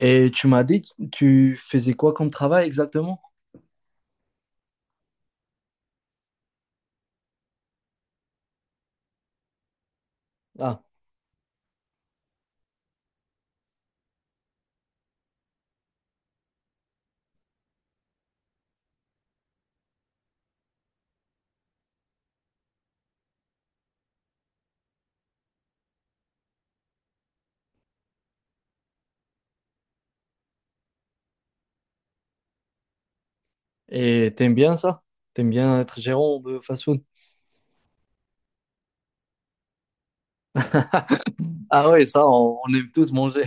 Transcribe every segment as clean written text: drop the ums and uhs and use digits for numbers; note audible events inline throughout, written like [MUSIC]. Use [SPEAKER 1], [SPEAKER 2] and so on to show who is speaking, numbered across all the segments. [SPEAKER 1] Et tu m'as dit, tu faisais quoi comme travail exactement? Ah, et t'aimes bien ça? T'aimes bien être gérant de fast-food? [LAUGHS] Ah ouais, ça, on aime tous manger.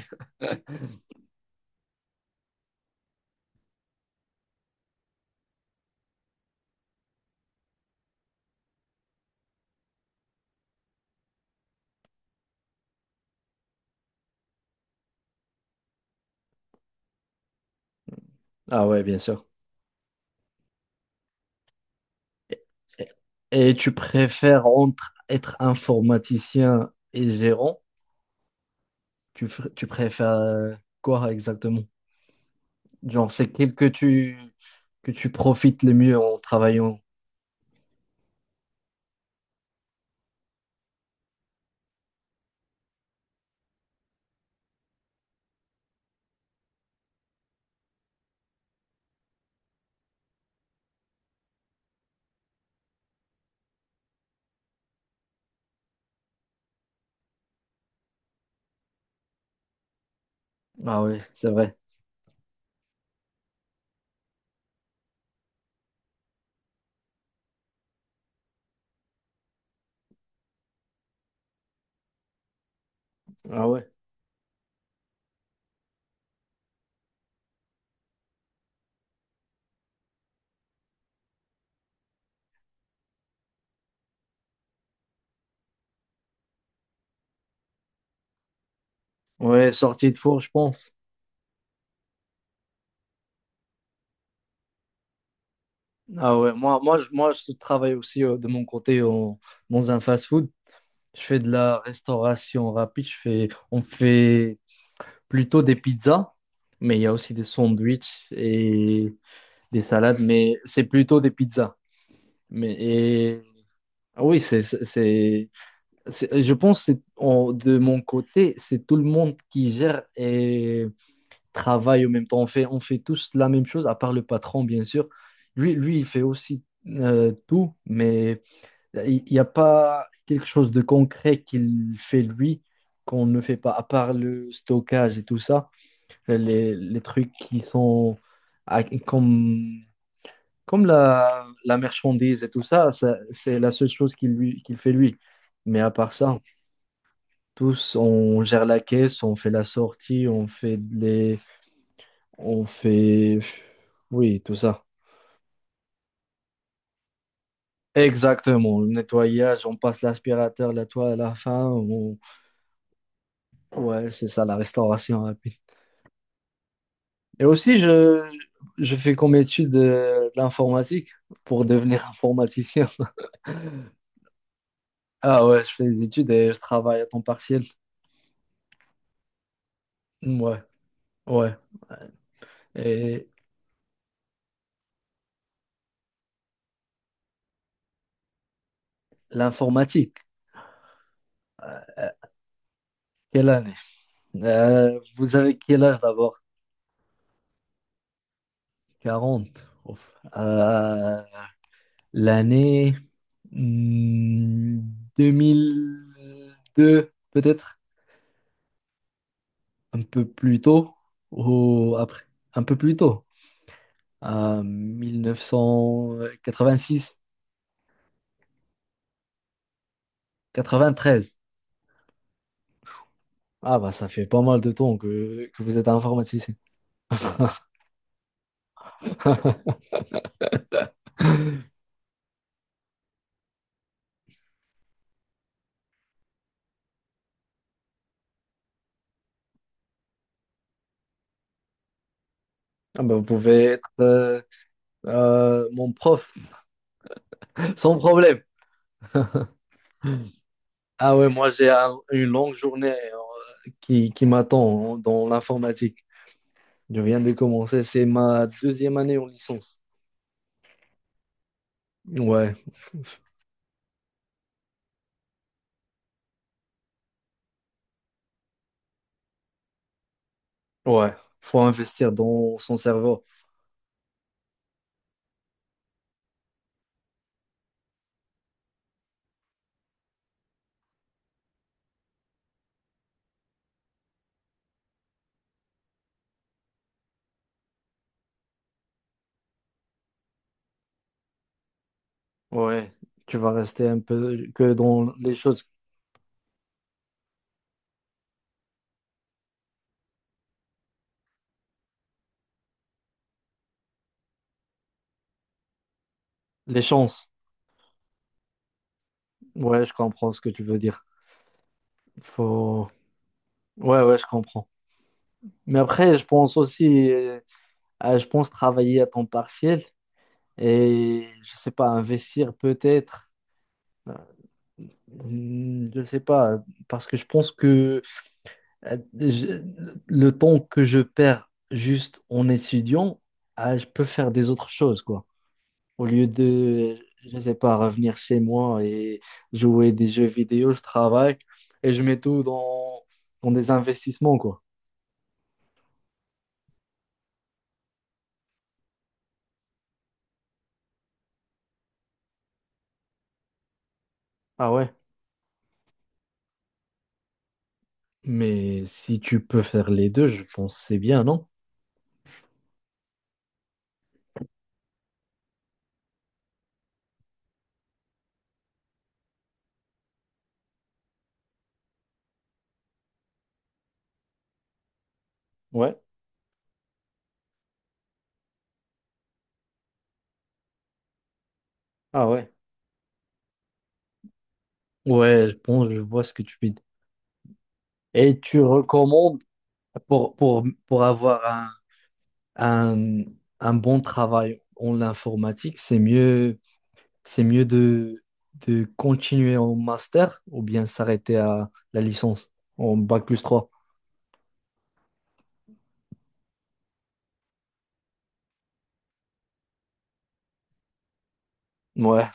[SPEAKER 1] Ah ouais, bien sûr. Et, et tu préfères entre être informaticien et gérant? Tu préfères quoi exactement? Genre, c'est quel que tu profites le mieux en travaillant. Ah ouais, c'est vrai. Ah ouais. Ouais, sortie de four, je pense. Ah ouais, je travaille aussi de mon côté dans un fast-food. Je fais de la restauration rapide. On fait plutôt des pizzas, mais il y a aussi des sandwichs et des salades, mais c'est plutôt des pizzas. Mais et, ah oui, Je pense que de mon côté, c'est tout le monde qui gère et travaille en même temps. On fait tous la même chose, à part le patron, bien sûr. Lui, il fait aussi tout, mais il n'y a pas quelque chose de concret qu'il fait lui qu'on ne fait pas, à part le stockage et tout ça, les trucs qui sont à- comme, comme la marchandise et tout ça, ça, c'est la seule chose qu'il fait lui. Mais à part ça. Tous, on gère la caisse, on fait la sortie, on fait les, on fait, oui, tout ça. Exactement, le nettoyage, on passe l'aspirateur, la toile à la fin. Ouais, c'est ça, la restauration rapide. Et aussi, je fais comme étude de, l'informatique pour devenir informaticien. [LAUGHS] Ah ouais, je fais des études et je travaille à temps partiel. Ouais, ouais. Et l'informatique, euh, quelle année? Vous avez quel âge d'abord? 40. Ouf. L'année hmm, 2002, peut-être un peu plus tôt ou après, un peu plus tôt, à mille neuf cent quatre-vingt-six, quatre-vingt-treize. Ah bah ça fait pas mal de temps que vous êtes informaticien. [LAUGHS] Ah bah, vous pouvez être mon prof [LAUGHS] sans problème. Ah ouais, moi j'ai une longue journée qui m'attend dans l'informatique. Je viens de commencer, c'est ma deuxième année en licence. Ouais, ouais, faut investir dans son cerveau. Ouais, tu vas rester un peu que dans les choses, les chances. Ouais, je comprends ce que tu veux dire. Faut, ouais, je comprends. Mais après, je pense aussi, je pense travailler à temps partiel et je sais pas, investir peut-être. Euh, Je sais pas, parce que je pense que je- le temps que je perds juste en étudiant, ah, je peux faire des autres choses, quoi. Au lieu de, je sais pas, revenir chez moi et jouer des jeux vidéo, je travaille et je mets tout dans des investissements, quoi. Ah ouais. Mais si tu peux faire les deux, je pense que c'est bien, non? Ouais. Ah ouais. Ouais, je pense, je vois ce que tu dis. Et tu recommandes pour avoir un, un bon travail en l'informatique, c'est mieux de continuer en master ou bien s'arrêter à la licence en bac plus trois. Ouais.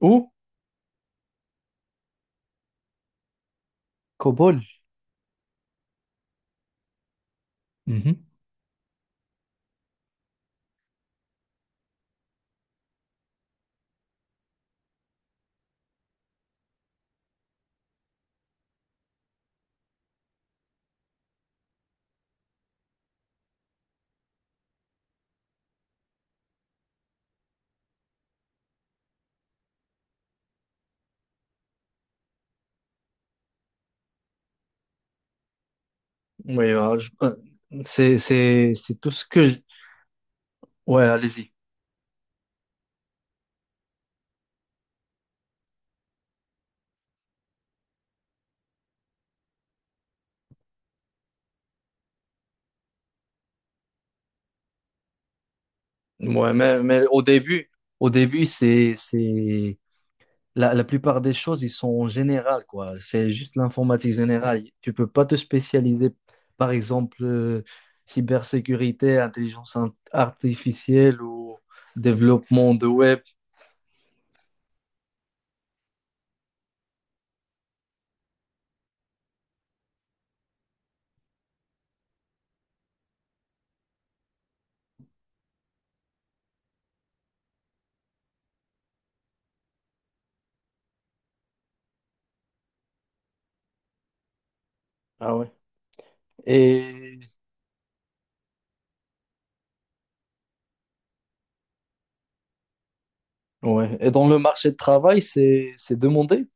[SPEAKER 1] Ou COBOL. Mhm. Oui, c'est tout ce que je- Ouais, allez-y. Ouais, au début, la, la plupart des choses, ils sont générales, quoi. C'est juste l'informatique générale. Tu peux pas te spécialiser, par exemple, cybersécurité, artificielle ou développement de web. Ah ouais. Et, ouais. Et dans le marché de travail, c'est demandé.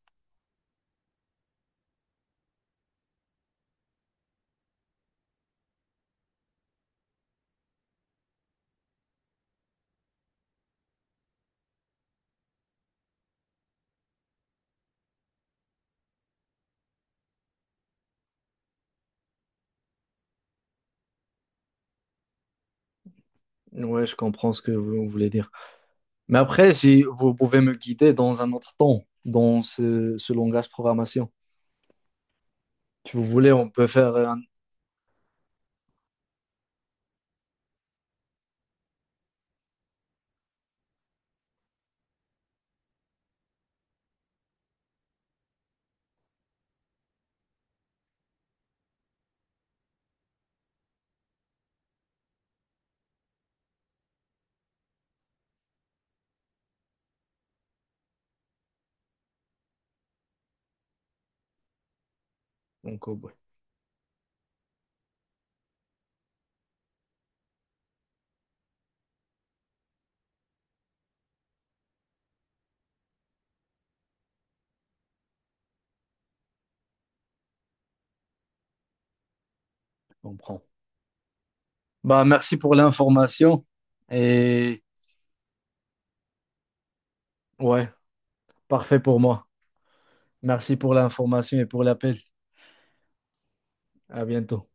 [SPEAKER 1] Ouais, je comprends ce que vous voulez dire. Mais après, si vous pouvez me guider dans un autre temps, dans ce langage programmation. Si vous voulez, on peut faire un... Donc, ouais, on prend. Bah, merci pour l'information. Et ouais, parfait pour moi. Merci pour l'information et pour l'appel. À bientôt.